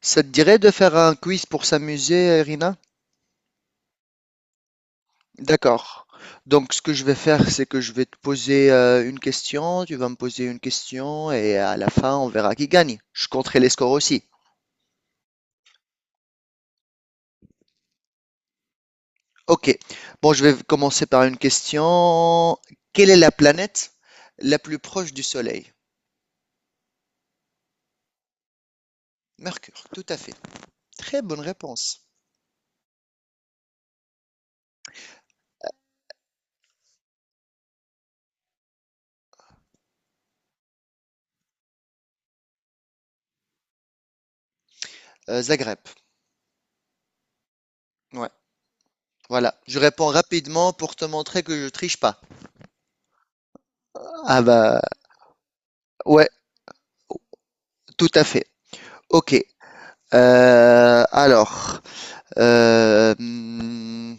Ça te dirait de faire un quiz pour s'amuser, Irina. D'accord. Donc, ce que je vais faire, c'est que je vais te poser une question, tu vas me poser une question, et à la fin, on verra qui gagne. Je compterai les scores aussi. Ok. Bon, je vais commencer par une question. Quelle est la planète la plus proche du Soleil? Mercure, tout à fait. Très bonne réponse. Zagreb. Ouais, voilà. Je réponds rapidement pour te montrer que je triche pas. Ah bah, ouais, tout à fait. Ok. Euh, alors, euh, hmm,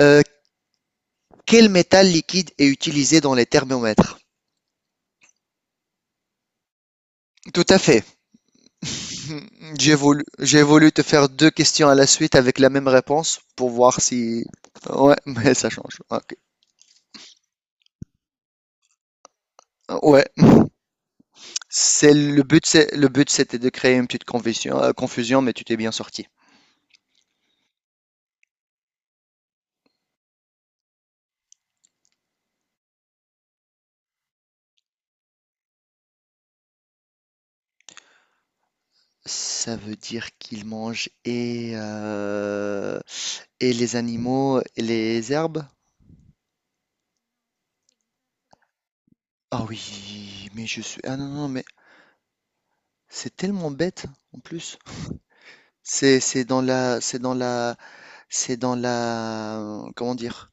euh, quel métal liquide est utilisé dans les thermomètres? Tout à fait. J'ai voulu te faire deux questions à la suite avec la même réponse pour voir si... Ouais, mais ça change. Ok. Ouais, c'est le but, c'était de créer une petite confusion, confusion, mais tu t'es bien sorti. Ça veut dire qu'ils mangent et et les animaux et les herbes? Ah oui, mais je suis ah non, non, mais c'est tellement bête en plus. C'est dans la c'est dans la c'est dans la comment dire?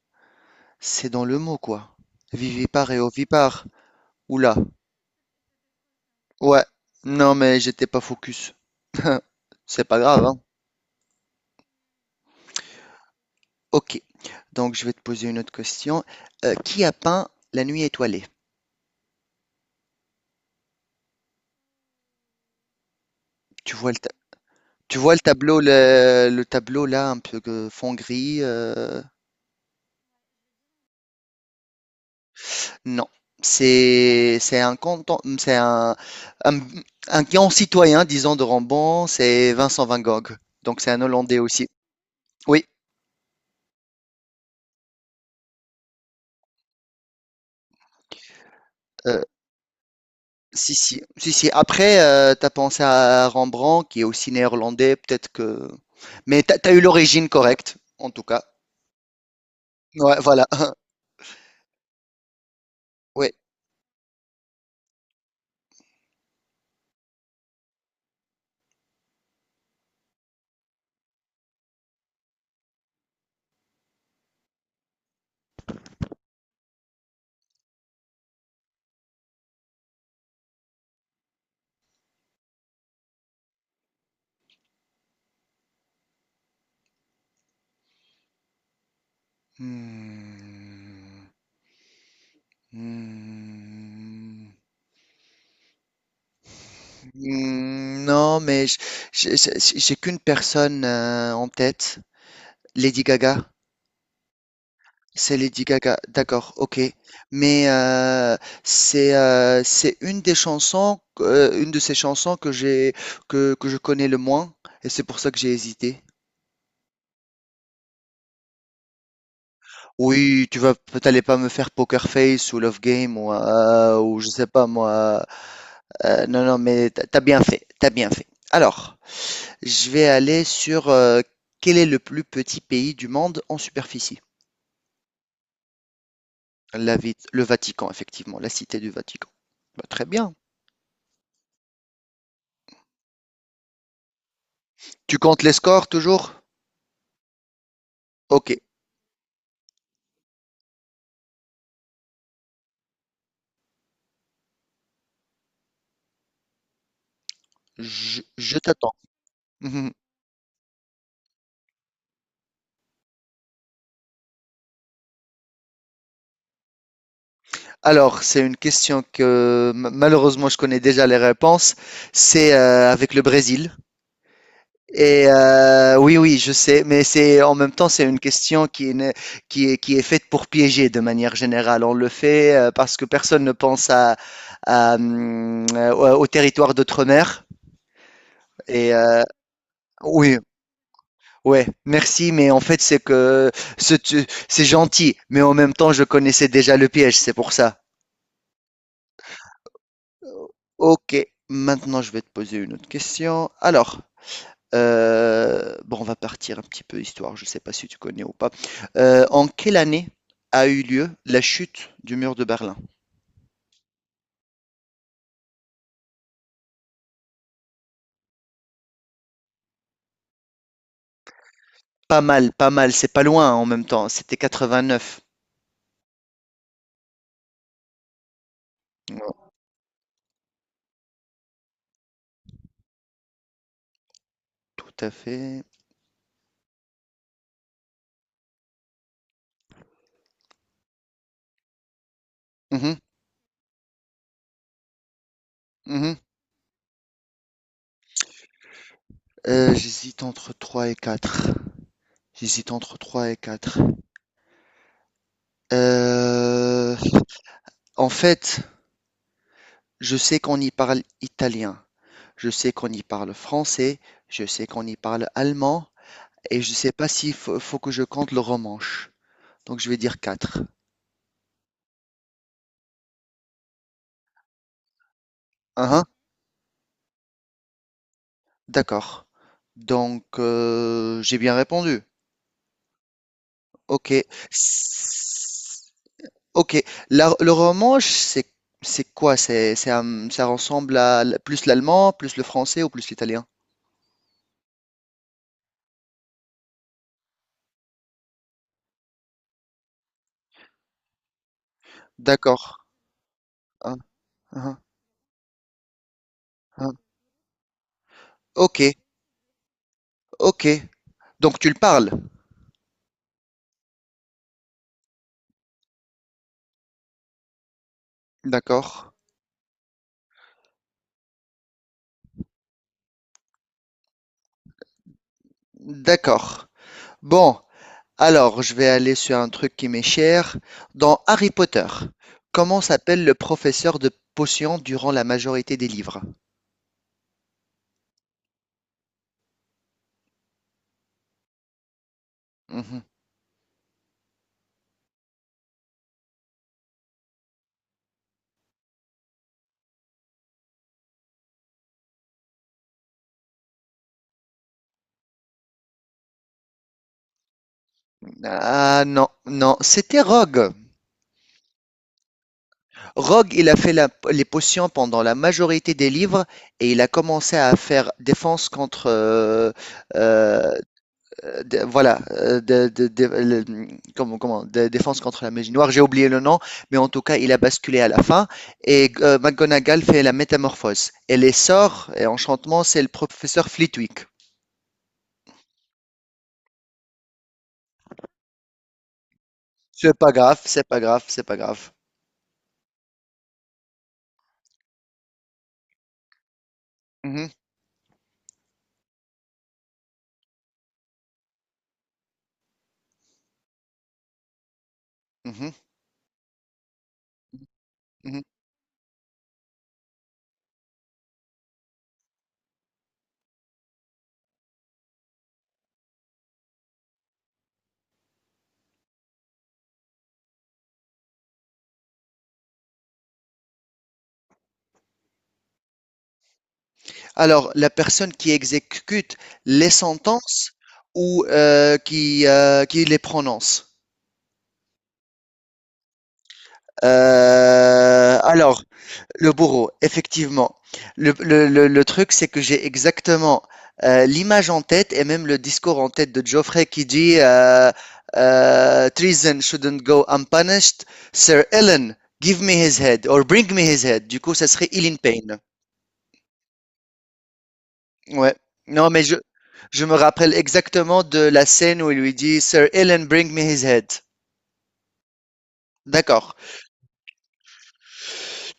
C'est dans le mot quoi. Vivipare et ovipare. Oula. Ouais. Non mais j'étais pas focus. C'est pas grave, hein. Ok. Donc je vais te poser une autre question. Qui a peint La nuit étoilée? Tu vois le ta- Tu vois le tableau le tableau là un peu que fond gris. Non, c'est un canton, c'est un, un grand citoyen, disons, de Rambon, c'est Vincent van Gogh. Donc c'est un Hollandais aussi. Oui, euh, si, si, si, si. Après, t'as pensé à Rembrandt, qui est aussi néerlandais, peut-être que. Mais t'as eu l'origine correcte, en tout cas. Ouais, voilà. Ouais. Hmm. Hmm. Hmm. Non, mais j'ai qu'une personne en tête, Lady Gaga. C'est Lady Gaga, d'accord, ok. Mais c'est une des chansons, une de ces chansons que je connais le moins, et c'est pour ça que j'ai hésité. Oui, tu vas, t'allais pas me faire Poker Face ou Love Game ou je sais pas moi. Non, non, mais t'as bien fait, t'as bien fait. Alors, je vais aller sur quel est le plus petit pays du monde en superficie? Le Vatican, effectivement, la cité du Vatican. Bah, très bien. Tu comptes les scores toujours? Ok, je t'attends. Mhm. Alors, c'est une question que malheureusement je connais déjà les réponses. C'est avec le Brésil. Et oui, oui, je sais, mais c'est en même temps c'est une question qui est faite pour piéger de manière générale. On le fait parce que personne ne pense à, au territoire d'outre-mer. Et oui, ouais, merci, mais en fait, c'est que c'est gentil, mais en même temps, je connaissais déjà le piège, c'est pour ça. Euh, Ok, maintenant, je vais te poser une autre question. Alors, bon, on va partir un petit peu histoire, je ne sais pas si tu connais ou pas. En quelle année a eu lieu la chute du mur de Berlin? Pas mal, pas mal, c'est pas loin en même temps, c'était 89. Ouais, tout à fait. Mhm, mhm. J'hésite entre 3 et 4. J'hésite entre 3 et 4. Heu, En fait, je sais qu'on y parle italien, je sais qu'on y parle français, je sais qu'on y parle allemand et je sais pas s'il faut que je compte le romanche. Donc je vais dire quatre. Hein, hein, d'accord. Donc j'ai bien répondu. OK. S OK, la le romanche, c'est quoi? C'est un ça ressemble à l plus l'allemand, plus le français ou plus l'italien? D'accord. Hein, hein, hein, hein. OK, OK. Donc tu le parles, d'accord? D'accord. Bon, alors je vais aller sur un truc qui m'est cher. Dans Harry Potter, comment s'appelle le professeur de potions durant la majorité des livres? Mhm. Ah non, non, c'était Rogue. Rogue, il a fait les potions pendant la majorité des livres et il a commencé à faire défense contre euh, voilà, de défense contre la magie noire. J'ai oublié le nom, mais en tout cas, il a basculé à la fin. Et McGonagall fait la métamorphose. Et les sorts et enchantements, c'est le professeur Flitwick. C'est pas grave, c'est pas grave, c'est pas grave. Mhm, mhm, mhm. Alors, la personne qui exécute les sentences ou qui les prononce. Euh, alors, Le bourreau, effectivement. Le truc, c'est que j'ai exactement l'image en tête et même le discours en tête de Geoffrey qui dit Treason shouldn't go unpunished. Sir Ellen, give me his head or bring me his head. Du coup, ça serait Ellen Payne. Ouais. Non, mais je me rappelle exactement de la scène où il lui dit Sir Ellen, bring me his head. D'accord.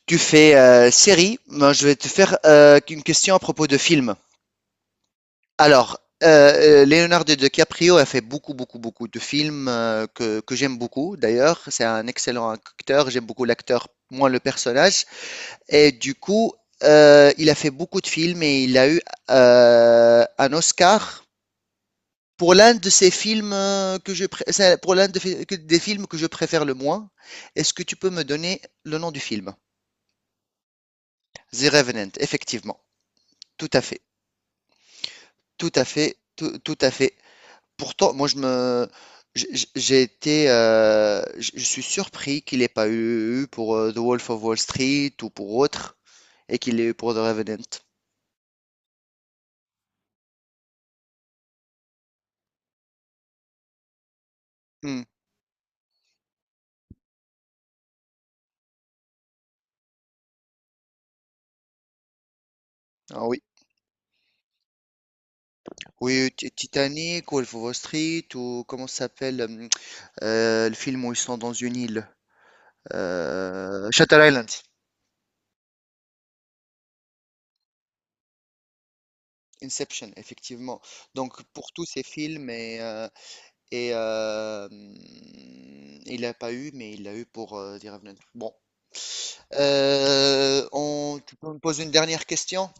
Tu fais série. Moi, je vais te faire une question à propos de film. Alors, Leonardo DiCaprio a fait beaucoup, beaucoup, beaucoup de films, que j'aime beaucoup d'ailleurs. C'est un excellent acteur, j'aime beaucoup l'acteur, moins le personnage et du coup, il a fait beaucoup de films et il a eu, un Oscar pour l'un de ses films, que je pré c'est pour l'un de fi que des films que je préfère le moins. Est-ce que tu peux me donner le nom du film? The Revenant, effectivement. Tout à fait, tout à fait, tout tout à fait. Pourtant, moi, je me, j'- j'ai été, je suis surpris qu'il n'ait pas eu pour The Wolf of Wall Street ou pour autre, et qu'il l'ait eu pour The Revenant. Hmm. Ah oui, oui, Titanic, Wolf of Wall Street, ou comment ça s'appelle le film où ils sont dans une île, Shutter Island, Inception, effectivement. Donc pour tous ces films et euh, hum, il l'a pas eu, mais il l'a eu pour The Revenant. Bon, tu peux me poser une dernière question?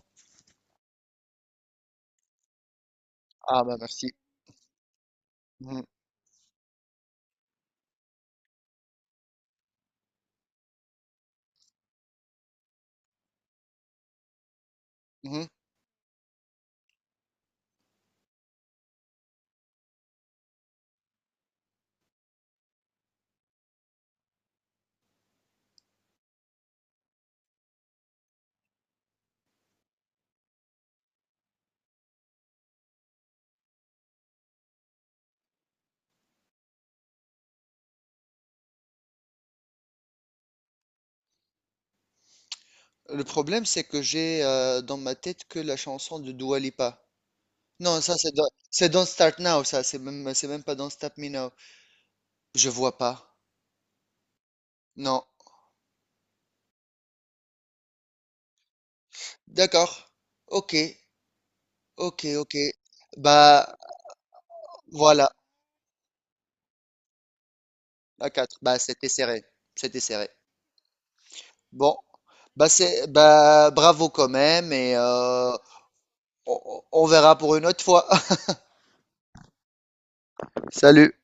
Ah bah merci. Mhm, mhm. Le problème, c'est que j'ai dans ma tête que la chanson de Dua Lipa. Non, ça c'est Don't Start Now, ça c'est même pas Don't Stop Me Now. Je vois pas. Non. D'accord. Ok. Ok. Ok. Bah voilà. À 4. Bah c'était serré. C'était serré. Bon. Bah c'est bah bravo quand même et on verra pour une autre fois. Salut.